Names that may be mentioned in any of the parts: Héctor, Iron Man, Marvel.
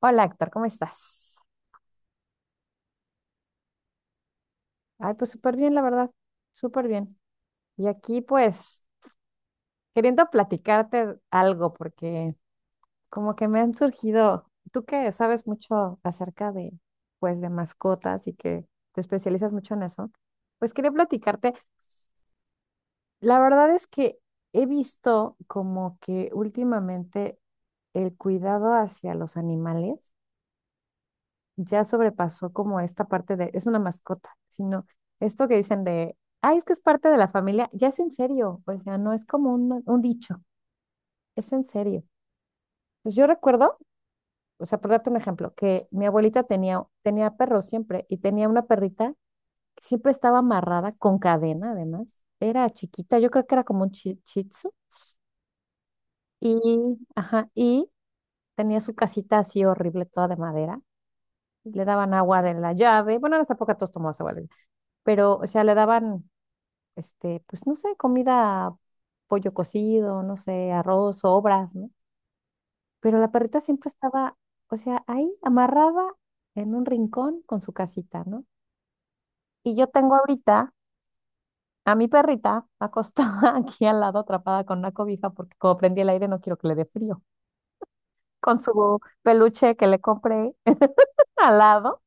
Hola, Héctor, ¿cómo estás? Ay, pues súper bien, la verdad, súper bien. Y aquí, pues, queriendo platicarte algo, porque como que me han surgido, tú que sabes mucho acerca de, pues, de mascotas y que te especializas mucho en eso, pues quería platicarte. La verdad es que he visto como que últimamente el cuidado hacia los animales ya sobrepasó como esta parte de, es una mascota, sino esto que dicen de, ay, es que es parte de la familia, ya es en serio, o sea, no es como un dicho, es en serio. Pues yo recuerdo, o sea, por darte un ejemplo, que mi abuelita tenía perros siempre y tenía una perrita que siempre estaba amarrada con cadena, además, era chiquita, yo creo que era como un shih tzu, y, ajá, y tenía su casita así horrible, toda de madera. Le daban agua de la llave. Bueno, en esa época todos tomaban agua, de la pero, o sea, le daban este, pues no sé, comida, pollo cocido, no sé, arroz, obras, ¿no? Pero la perrita siempre estaba, o sea, ahí amarrada en un rincón con su casita, ¿no? Y yo tengo ahorita a mi perrita acostada aquí al lado, atrapada con una cobija, porque como prendí el aire no quiero que le dé frío, con su peluche que le compré al lado.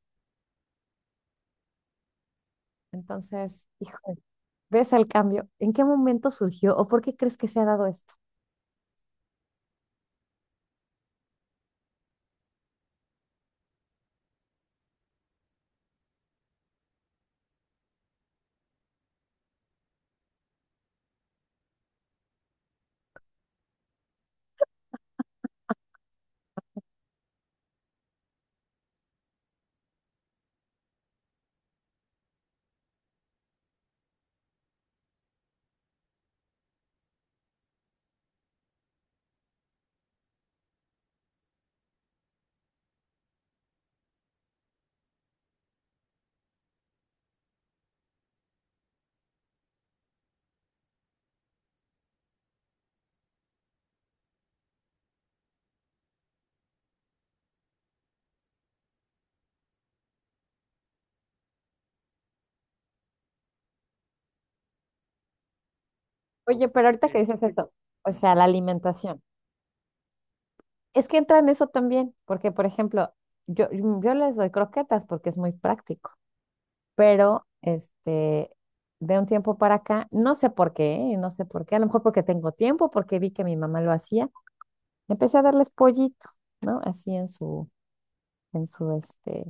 Entonces, hijo, ¿ves el cambio? ¿En qué momento surgió o por qué crees que se ha dado esto? Oye, pero ahorita que dices eso, o sea, la alimentación. Es que entra en eso también, porque por ejemplo, yo les doy croquetas porque es muy práctico, pero este, de un tiempo para acá, no sé por qué, ¿eh? No sé por qué, a lo mejor porque tengo tiempo, porque vi que mi mamá lo hacía, empecé a darles pollito, ¿no? Así en su, este,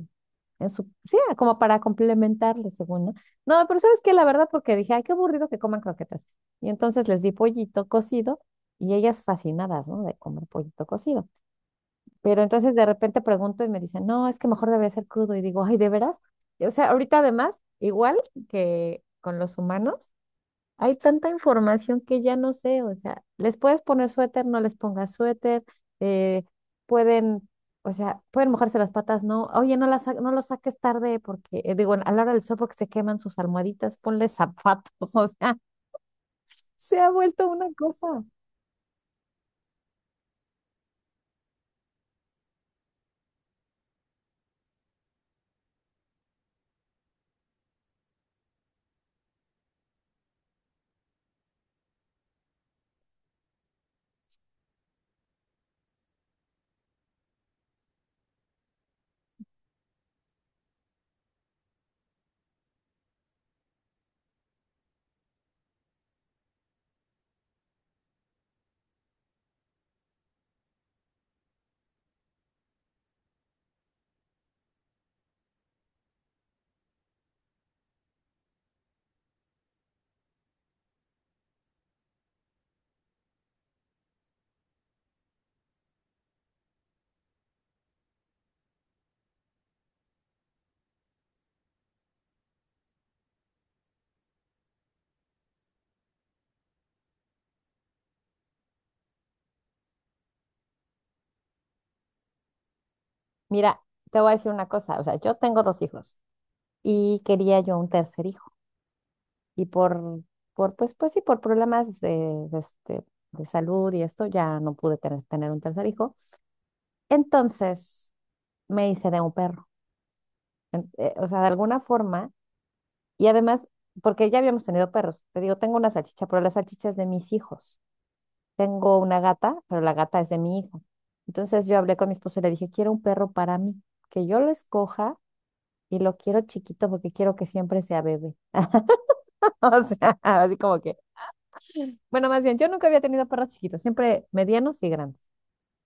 en su, sí, como para complementarle, según, ¿no? No, pero ¿sabes qué? La verdad, porque dije, ay, qué aburrido que coman croquetas. Y entonces les di pollito cocido y ellas fascinadas, ¿no? De comer pollito cocido. Pero entonces de repente pregunto y me dicen, no, es que mejor debería ser crudo. Y digo, ay, ¿de veras? Y, o sea, ahorita además, igual que con los humanos, hay tanta información que ya no sé. O sea, les puedes poner suéter, no les pongas suéter. eh, pueden, o sea, pueden mojarse las patas, no. Oye, no, no los saques tarde porque, digo, a la hora del sol porque se queman sus almohaditas, ponle zapatos. O sea, se ha vuelto una cosa. Mira, te voy a decir una cosa. O sea, yo tengo dos hijos y quería yo un tercer hijo. Y por pues, pues sí, por problemas de salud y esto, ya no pude tener un tercer hijo. Entonces me hice de un perro, o sea, de alguna forma, y además, porque ya habíamos tenido perros, te digo, tengo una salchicha, pero la salchicha es de mis hijos. Tengo una gata, pero la gata es de mi hijo. Entonces yo hablé con mi esposo y le dije, quiero un perro para mí, que yo lo escoja y lo quiero chiquito porque quiero que siempre sea bebé. O sea, así como que bueno, más bien, yo nunca había tenido perros chiquitos, siempre medianos y grandes.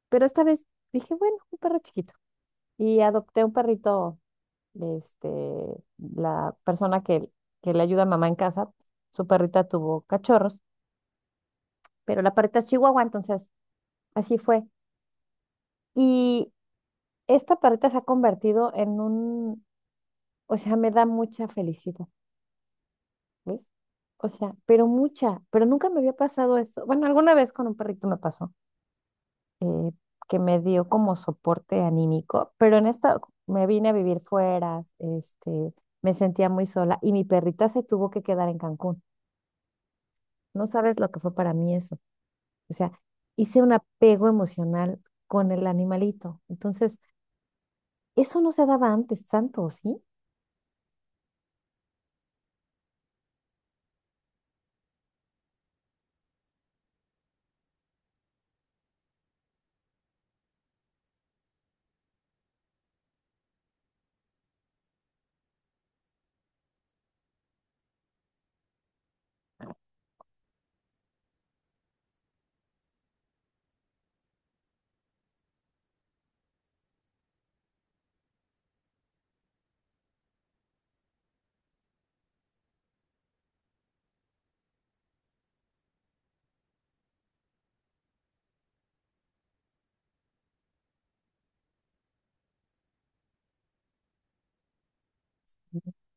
Pero esta vez dije, bueno, un perro chiquito. Y adopté un perrito, este, la persona que le ayuda a mamá en casa, su perrita tuvo cachorros, pero la perrita es chihuahua, entonces así fue. Y esta perrita se ha convertido en un, o sea, me da mucha felicidad, ¿ves? O sea, pero mucha, pero nunca me había pasado eso. Bueno, alguna vez con un perrito me pasó eh, que me dio como soporte anímico, pero en esta me vine a vivir fuera, este, me sentía muy sola y mi perrita se tuvo que quedar en Cancún. No sabes lo que fue para mí eso. O sea, hice un apego emocional con el animalito. Entonces, eso no se daba antes tanto, ¿sí?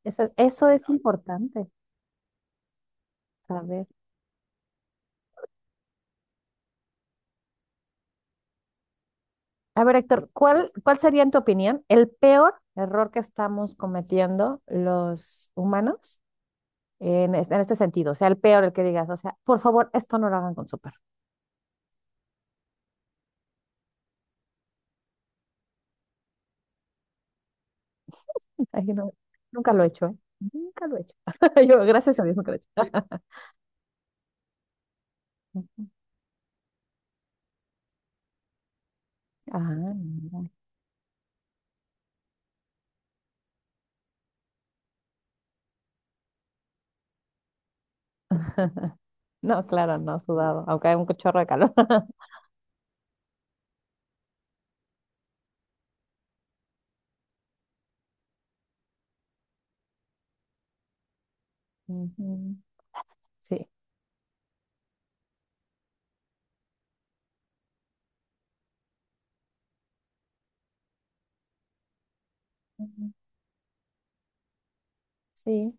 Eso es importante saber. A ver, Héctor, ¿cuál sería en tu opinión el peor error que estamos cometiendo los humanos en este sentido? O sea, el peor, el que digas, o sea, por favor, esto no lo hagan con su perro. Ay, no, nunca lo he hecho, ¿eh? Nunca lo he hecho. Yo, gracias a Dios, nunca lo he hecho. Ah, mira. No, claro, no, sudado, aunque hay un chorro de calor. Ujú. Sí. Ujú, sí.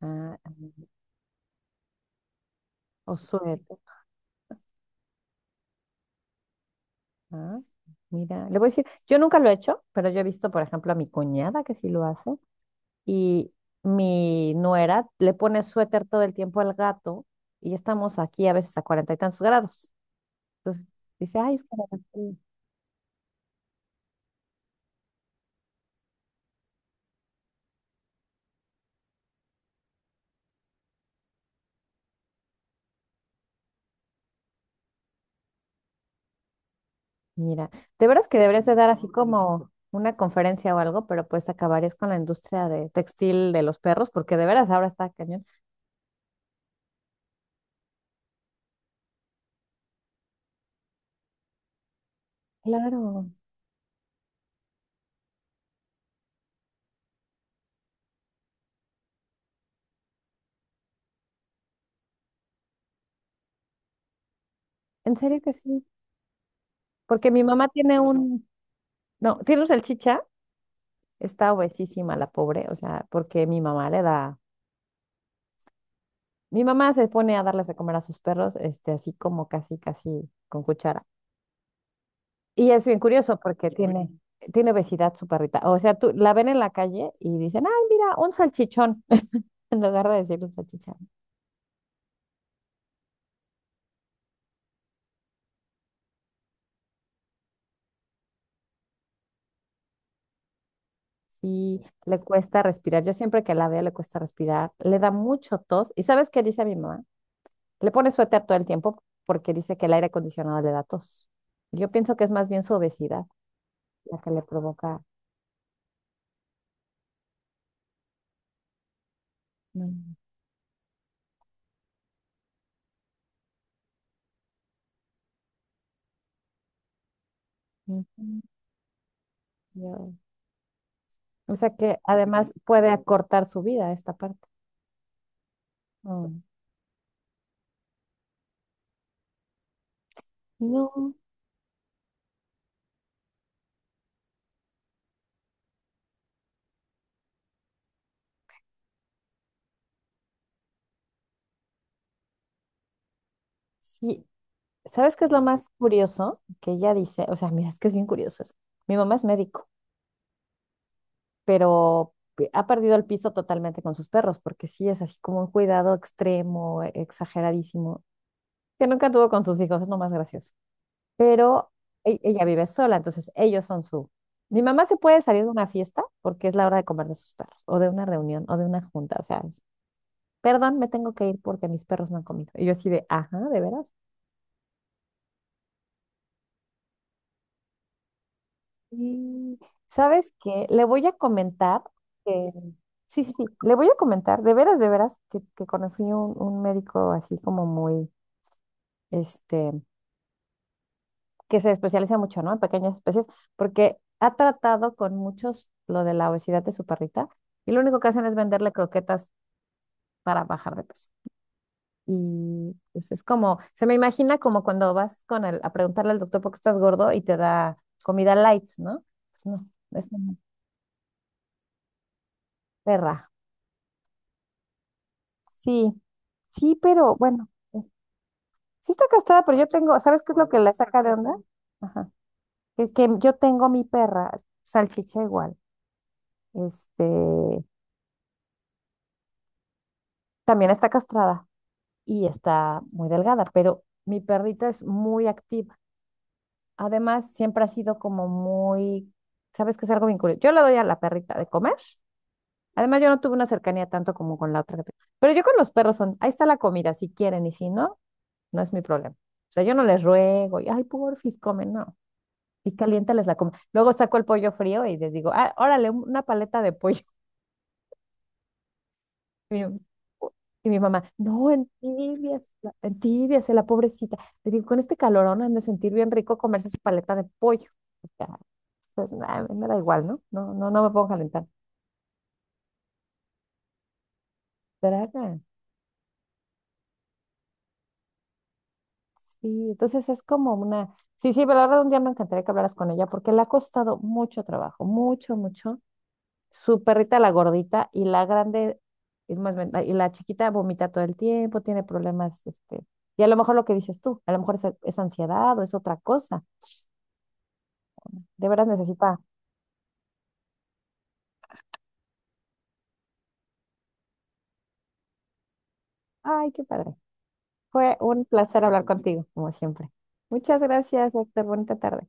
Ah, ah, o suerte. Ah, mira, le voy a decir, yo nunca lo he hecho, pero yo he visto, por ejemplo, a mi cuñada que sí lo hace. Y mi nuera le pone suéter todo el tiempo al gato y estamos aquí a veces a cuarenta y tantos grados. Entonces dice, ay, es que me da frío. Mira, de veras que deberías de dar así como una conferencia o algo, pero pues acabarías con la industria de textil de los perros, porque de veras ahora está cañón. Claro, en serio que sí, porque mi mamá tiene un, no, tiene un salchicha, está obesísima la pobre, o sea, porque mi mamá le da. Mi mamá se pone a darles de comer a sus perros, este, así como casi, casi con cuchara. Y es bien curioso porque qué tiene, bueno. Tiene obesidad su perrita. O sea, tú la ven en la calle y dicen, ay, mira, un salchichón, en lugar de decir un salchichón. Y le cuesta respirar. Yo siempre que la veo le cuesta respirar, le da mucho tos. ¿Y sabes qué dice mi mamá? Le pone suéter todo el tiempo porque dice que el aire acondicionado le da tos. Yo pienso que es más bien su obesidad la que le provoca. Mm, mm, mm, yo- o sea que además puede acortar su vida esta parte. Mm. No, sí. ¿Sabes qué es lo más curioso? Que ella dice, o sea, mira, es que es bien curioso eso. Mi mamá es médico, pero ha perdido el piso totalmente con sus perros, porque sí es así como un cuidado extremo, exageradísimo, que nunca tuvo con sus hijos, es lo más gracioso. Pero ella vive sola, entonces ellos son su... Mi mamá se puede salir de una fiesta porque es la hora de comer de sus perros, o de una reunión, o de una junta, o sea, perdón, me tengo que ir porque mis perros no han comido. Y yo así de, ajá, ¿de veras? Y, ¿sabes qué? Le voy a comentar que, sí, sí, sí, le voy a comentar, de veras, que conocí un médico así como muy, este, que se especializa mucho, ¿no? En pequeñas especies, porque ha tratado con muchos lo de la obesidad de su perrita y lo único que hacen es venderle croquetas para bajar de peso. Y pues, es como, se me imagina como cuando vas con el, a preguntarle al doctor por qué estás gordo y te da comida light, ¿no? Pues no, es una perra. Sí, sí, pero bueno, eh, sí está casada, pero yo tengo, ¿sabes qué es lo que la saca de onda? Ajá. Que yo tengo mi perra, salchicha igual, este, también está castrada y está muy delgada, pero mi perrita es muy activa. Además, siempre ha sido como muy, sabes que es algo bien curioso. Yo le doy a la perrita de comer. Además, yo no tuve una cercanía tanto como con la otra. Pero yo con los perros son, ahí está la comida, si quieren, y si no, no es mi problema. O sea, yo no les ruego, y ay, porfis, comen, no. Y caliéntales la comida. Luego saco el pollo frío y les digo, ah, órale, una paleta de pollo. Y mi, y mi mamá, no, en tibias, la pobrecita. Le digo, con este calorón han de sentir bien rico comerse su paleta de pollo. Pues nah, a mí me da igual, ¿no? No, no, no me puedo calentar. Draga, sí, entonces es como una... Sí, sí, pero la verdad un día me encantaría que hablaras con ella porque le ha costado mucho trabajo, mucho, mucho. Su perrita, la gordita, y la grande, y, más bien, la y la chiquita vomita todo el tiempo, tiene problemas, este... Y a lo mejor lo que dices tú, a lo mejor es ansiedad o es otra cosa. De veras necesita... Ay, qué padre. Fue un placer hablar contigo, como siempre. Muchas gracias, Héctor. Bonita tarde.